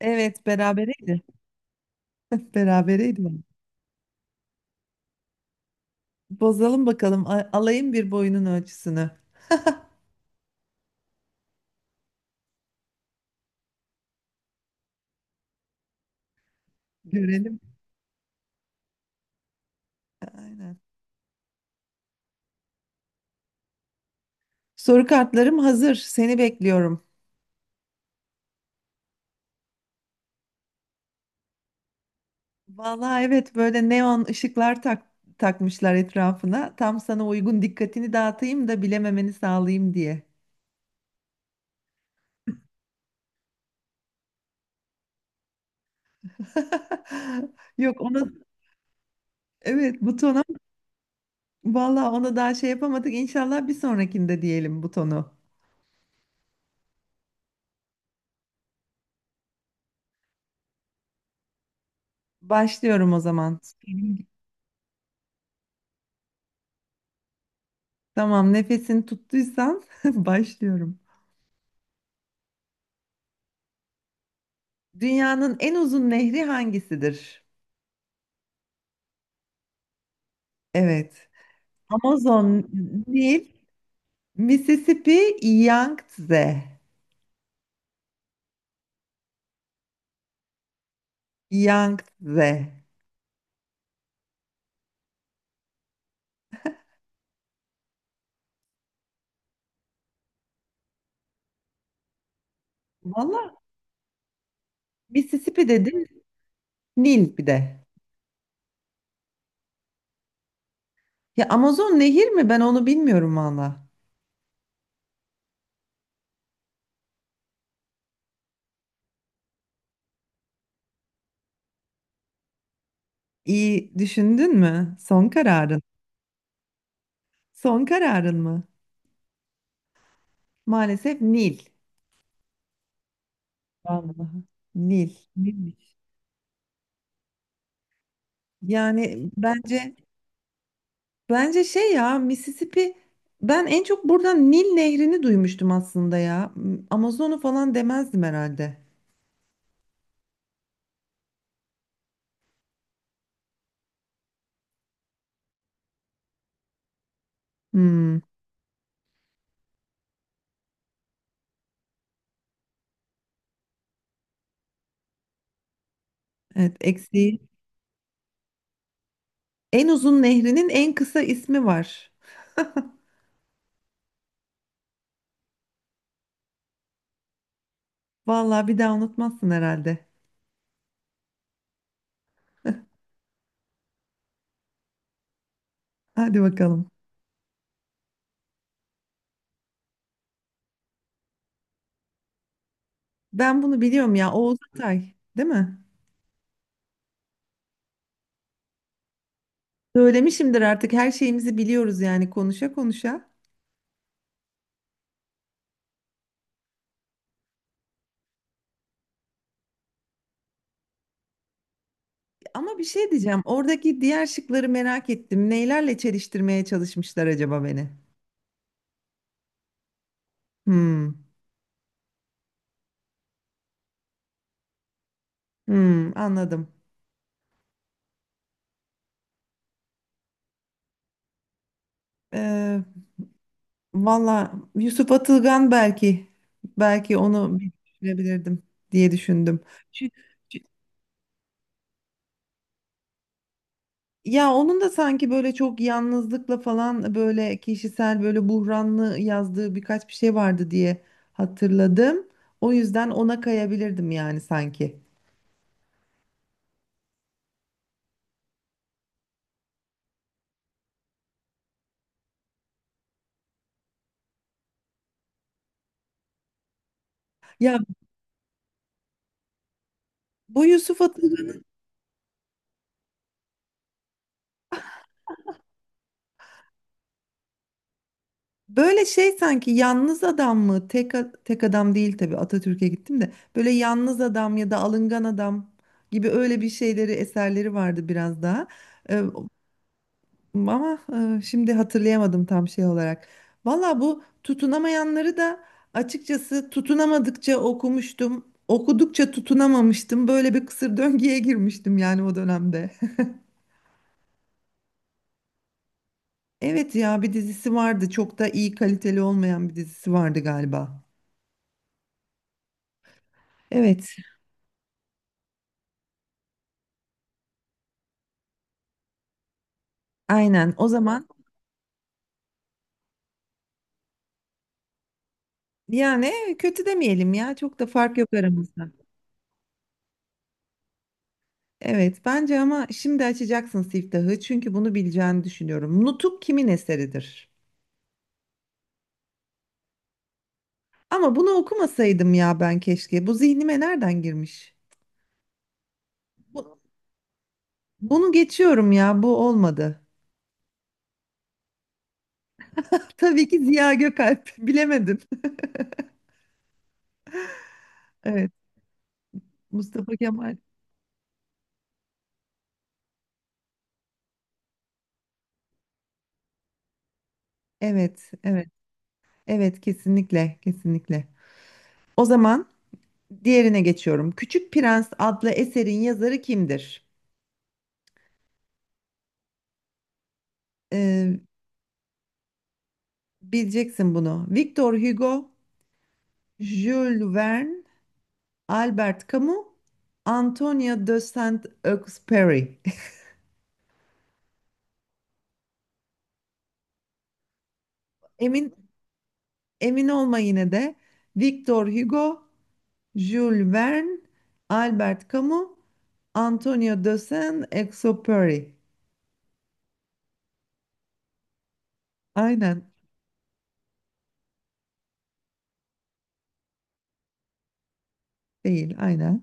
Evet, berabereydi. Berabereydi. Bozalım bakalım. Alayım bir boyunun ölçüsünü. Görelim. Aynen. Soru kartlarım hazır. Seni bekliyorum. Vallahi evet, böyle neon ışıklar takmışlar etrafına. Tam sana uygun, dikkatini dağıtayım da bilememeni sağlayayım diye. Yok, ona evet, butona, vallahi ona daha şey yapamadık. İnşallah bir sonrakinde diyelim butonu. Başlıyorum o zaman. Tamam, nefesini tuttuysan başlıyorum. Dünyanın en uzun nehri hangisidir? Evet. Amazon, Nil, Mississippi, Yangtze. Yangtze. Valla Mississippi dedim, Nil bir de. Ya Amazon nehir mi? Ben onu bilmiyorum valla. İyi düşündün mü? Son kararın. Son kararın mı? Maalesef Nil. Vallahi. Nil. Nil. Yani bence Bence şey ya, Mississippi, ben en çok buradan Nil Nehri'ni duymuştum aslında ya. Amazon'u falan demezdim herhalde. Hmm, evet eksiği. En uzun nehrinin en kısa ismi var. Vallahi bir daha unutmazsın herhalde. Hadi bakalım. Ben bunu biliyorum ya, Oğuz Atay değil mi? Söylemişimdir artık, her şeyimizi biliyoruz yani, konuşa konuşa. Ama bir şey diyeceğim, oradaki diğer şıkları merak ettim. Neylerle çeliştirmeye çalışmışlar acaba beni? Hmm. Hmm, anladım. Eee valla Yusuf Atılgan, belki onu bir düşünebilirdim diye düşündüm. Çü- çü- Ya, onun da sanki böyle çok yalnızlıkla falan, böyle kişisel, böyle buhranlı yazdığı birkaç bir şey vardı diye hatırladım. O yüzden ona kayabilirdim yani sanki. Ya, bu Yusuf Atılgan, böyle şey sanki, yalnız adam mı? Tek adam değil tabii. Atatürk'e gittim de. Böyle yalnız adam ya da alıngan adam gibi, öyle bir şeyleri, eserleri vardı biraz daha. Ee, ama şimdi hatırlayamadım tam şey olarak. Valla bu tutunamayanları da açıkçası tutunamadıkça okumuştum. Okudukça tutunamamıştım. Böyle bir kısır döngüye girmiştim yani o dönemde. Evet ya, bir dizisi vardı. Çok da iyi, kaliteli olmayan bir dizisi vardı galiba. Evet. Aynen. O zaman, yani kötü demeyelim ya. Çok da fark yok aramızda. Evet, bence ama şimdi açacaksın siftahı çünkü bunu bileceğini düşünüyorum. Nutuk kimin eseridir? Ama bunu okumasaydım ya ben, keşke. Bu zihnime nereden girmiş? Bu- bunu geçiyorum ya, bu olmadı. Tabii ki Ziya Gökalp. Bilemedim. Evet, Mustafa Kemal. Evet, evet, evet, kesinlikle, kesinlikle. O zaman diğerine geçiyorum. Küçük Prens adlı eserin yazarı kimdir? Ee, Bileceksin bunu. Victor Hugo, Jules Verne, Albert Camus, Antonio de Saint-Exupéry. Emin emin olma yine de. Victor Hugo, Jules Verne, Albert Camus, Antonio de Saint-Exupéry. Aynen, değil, aynen.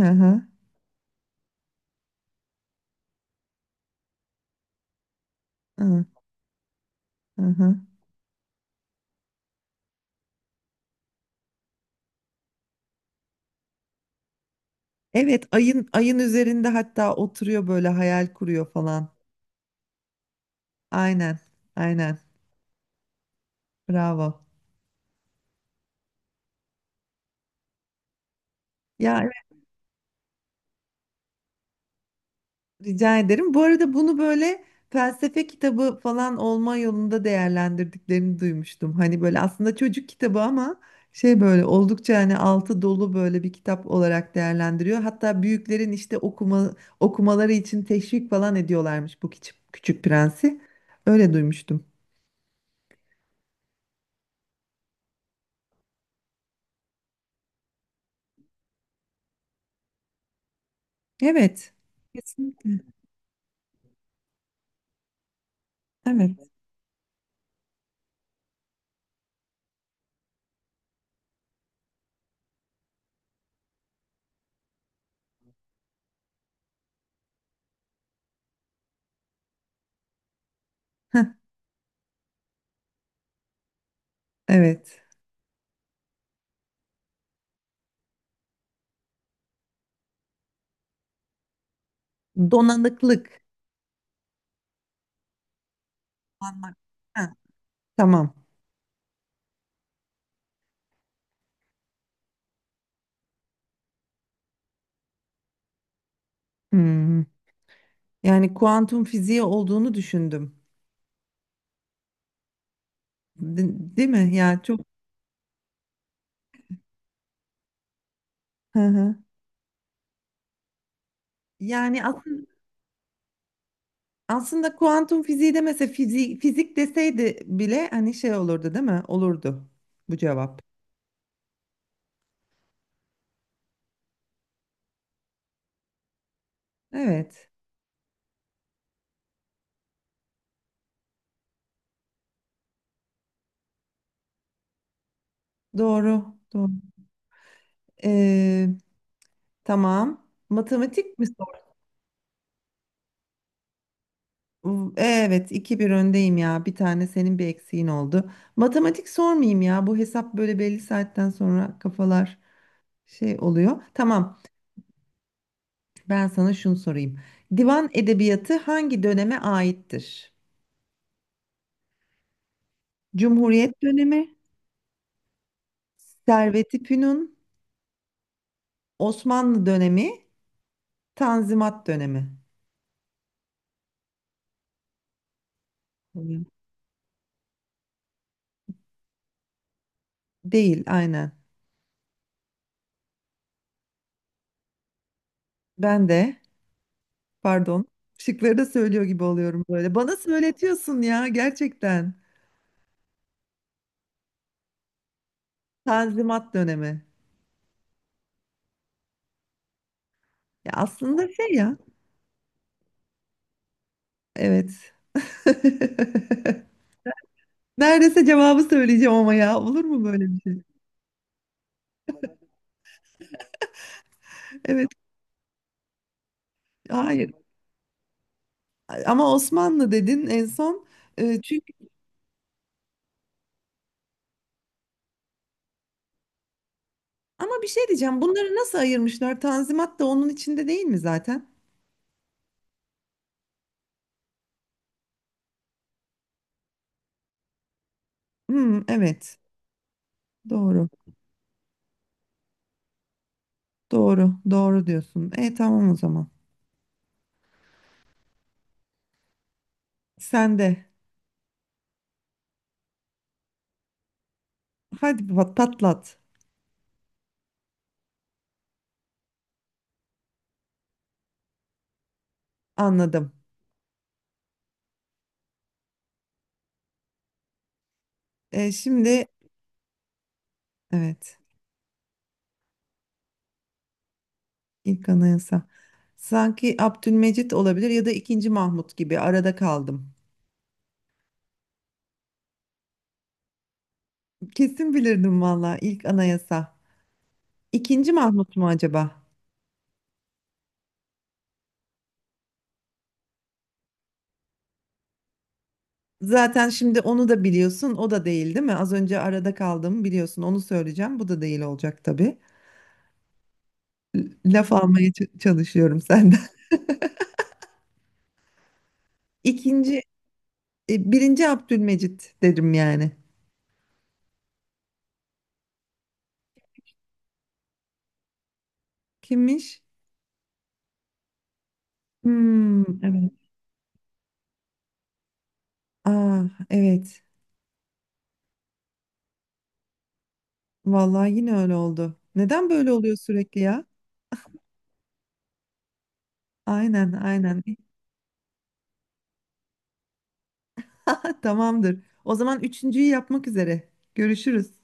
Hı hı, hı hı. Evet, ayın üzerinde hatta oturuyor, böyle hayal kuruyor falan. Aynen, aynen. Bravo. Ya, rica ederim. Bu arada bunu böyle felsefe kitabı falan olma yolunda değerlendirdiklerini duymuştum. Hani böyle aslında çocuk kitabı ama şey, böyle oldukça, hani altı dolu böyle bir kitap olarak değerlendiriyor. Hatta büyüklerin işte okumaları için teşvik falan ediyorlarmış bu küçük, Küçük Prensi. Öyle duymuştum. Evet. Kesinlikle. Evet. Heh, evet. Donanıklık. Donanmak. Heh, tamam. Hmm. Yani kuantum fiziği olduğunu düşündüm. Değil mi? Yani çok. Hı hı. Yani aslında kuantum fiziği de, mesela fizik, fizik deseydi bile hani şey olurdu değil mi? Olurdu bu cevap. Evet. Doğru. Doğru. Ee, tamam. Matematik mi sor? Evet, 2-1 öndeyim ya. Bir tane senin bir eksiğin oldu. Matematik sormayayım ya. Bu hesap, böyle belli saatten sonra kafalar şey oluyor. Tamam. Ben sana şunu sorayım. Divan edebiyatı hangi döneme aittir? Cumhuriyet dönemi, Servet-i Fünun, Osmanlı dönemi, Tanzimat dönemi. Oluyor. Değil, aynen. Ben de, pardon, şıkları da söylüyor gibi oluyorum böyle. Bana söyletiyorsun ya gerçekten. Tanzimat dönemi. Ya, aslında şey ya, evet. Neredeyse cevabı söyleyeceğim, ama ya olur mu böyle bir şey? Evet, hayır. Ama Osmanlı dedin en son. E, Çünkü Ama bir şey diyeceğim. Bunları nasıl ayırmışlar? Tanzimat da onun içinde değil mi zaten? Hmm, evet. Doğru. Doğru. Doğru diyorsun. Tamam o zaman. Sen de. Hadi patlat. Anladım. E, şimdi evet. ilk anayasa. Sanki Abdülmecit olabilir ya da II. Mahmut gibi, arada kaldım. Kesin bilirdim valla, ilk anayasa. II. Mahmut mu acaba? Zaten şimdi onu da biliyorsun. O da değil, değil mi? Az önce arada kaldım, biliyorsun. Onu söyleyeceğim. Bu da değil olacak tabii. Laf almaya çalışıyorum senden. İkinci, I. Abdülmecit derim yani. Kimmiş? Hmm, evet. Aa, evet. Vallahi yine öyle oldu. Neden böyle oluyor sürekli ya? Aynen, aynen. Tamamdır. O zaman üçüncüyü yapmak üzere. Görüşürüz.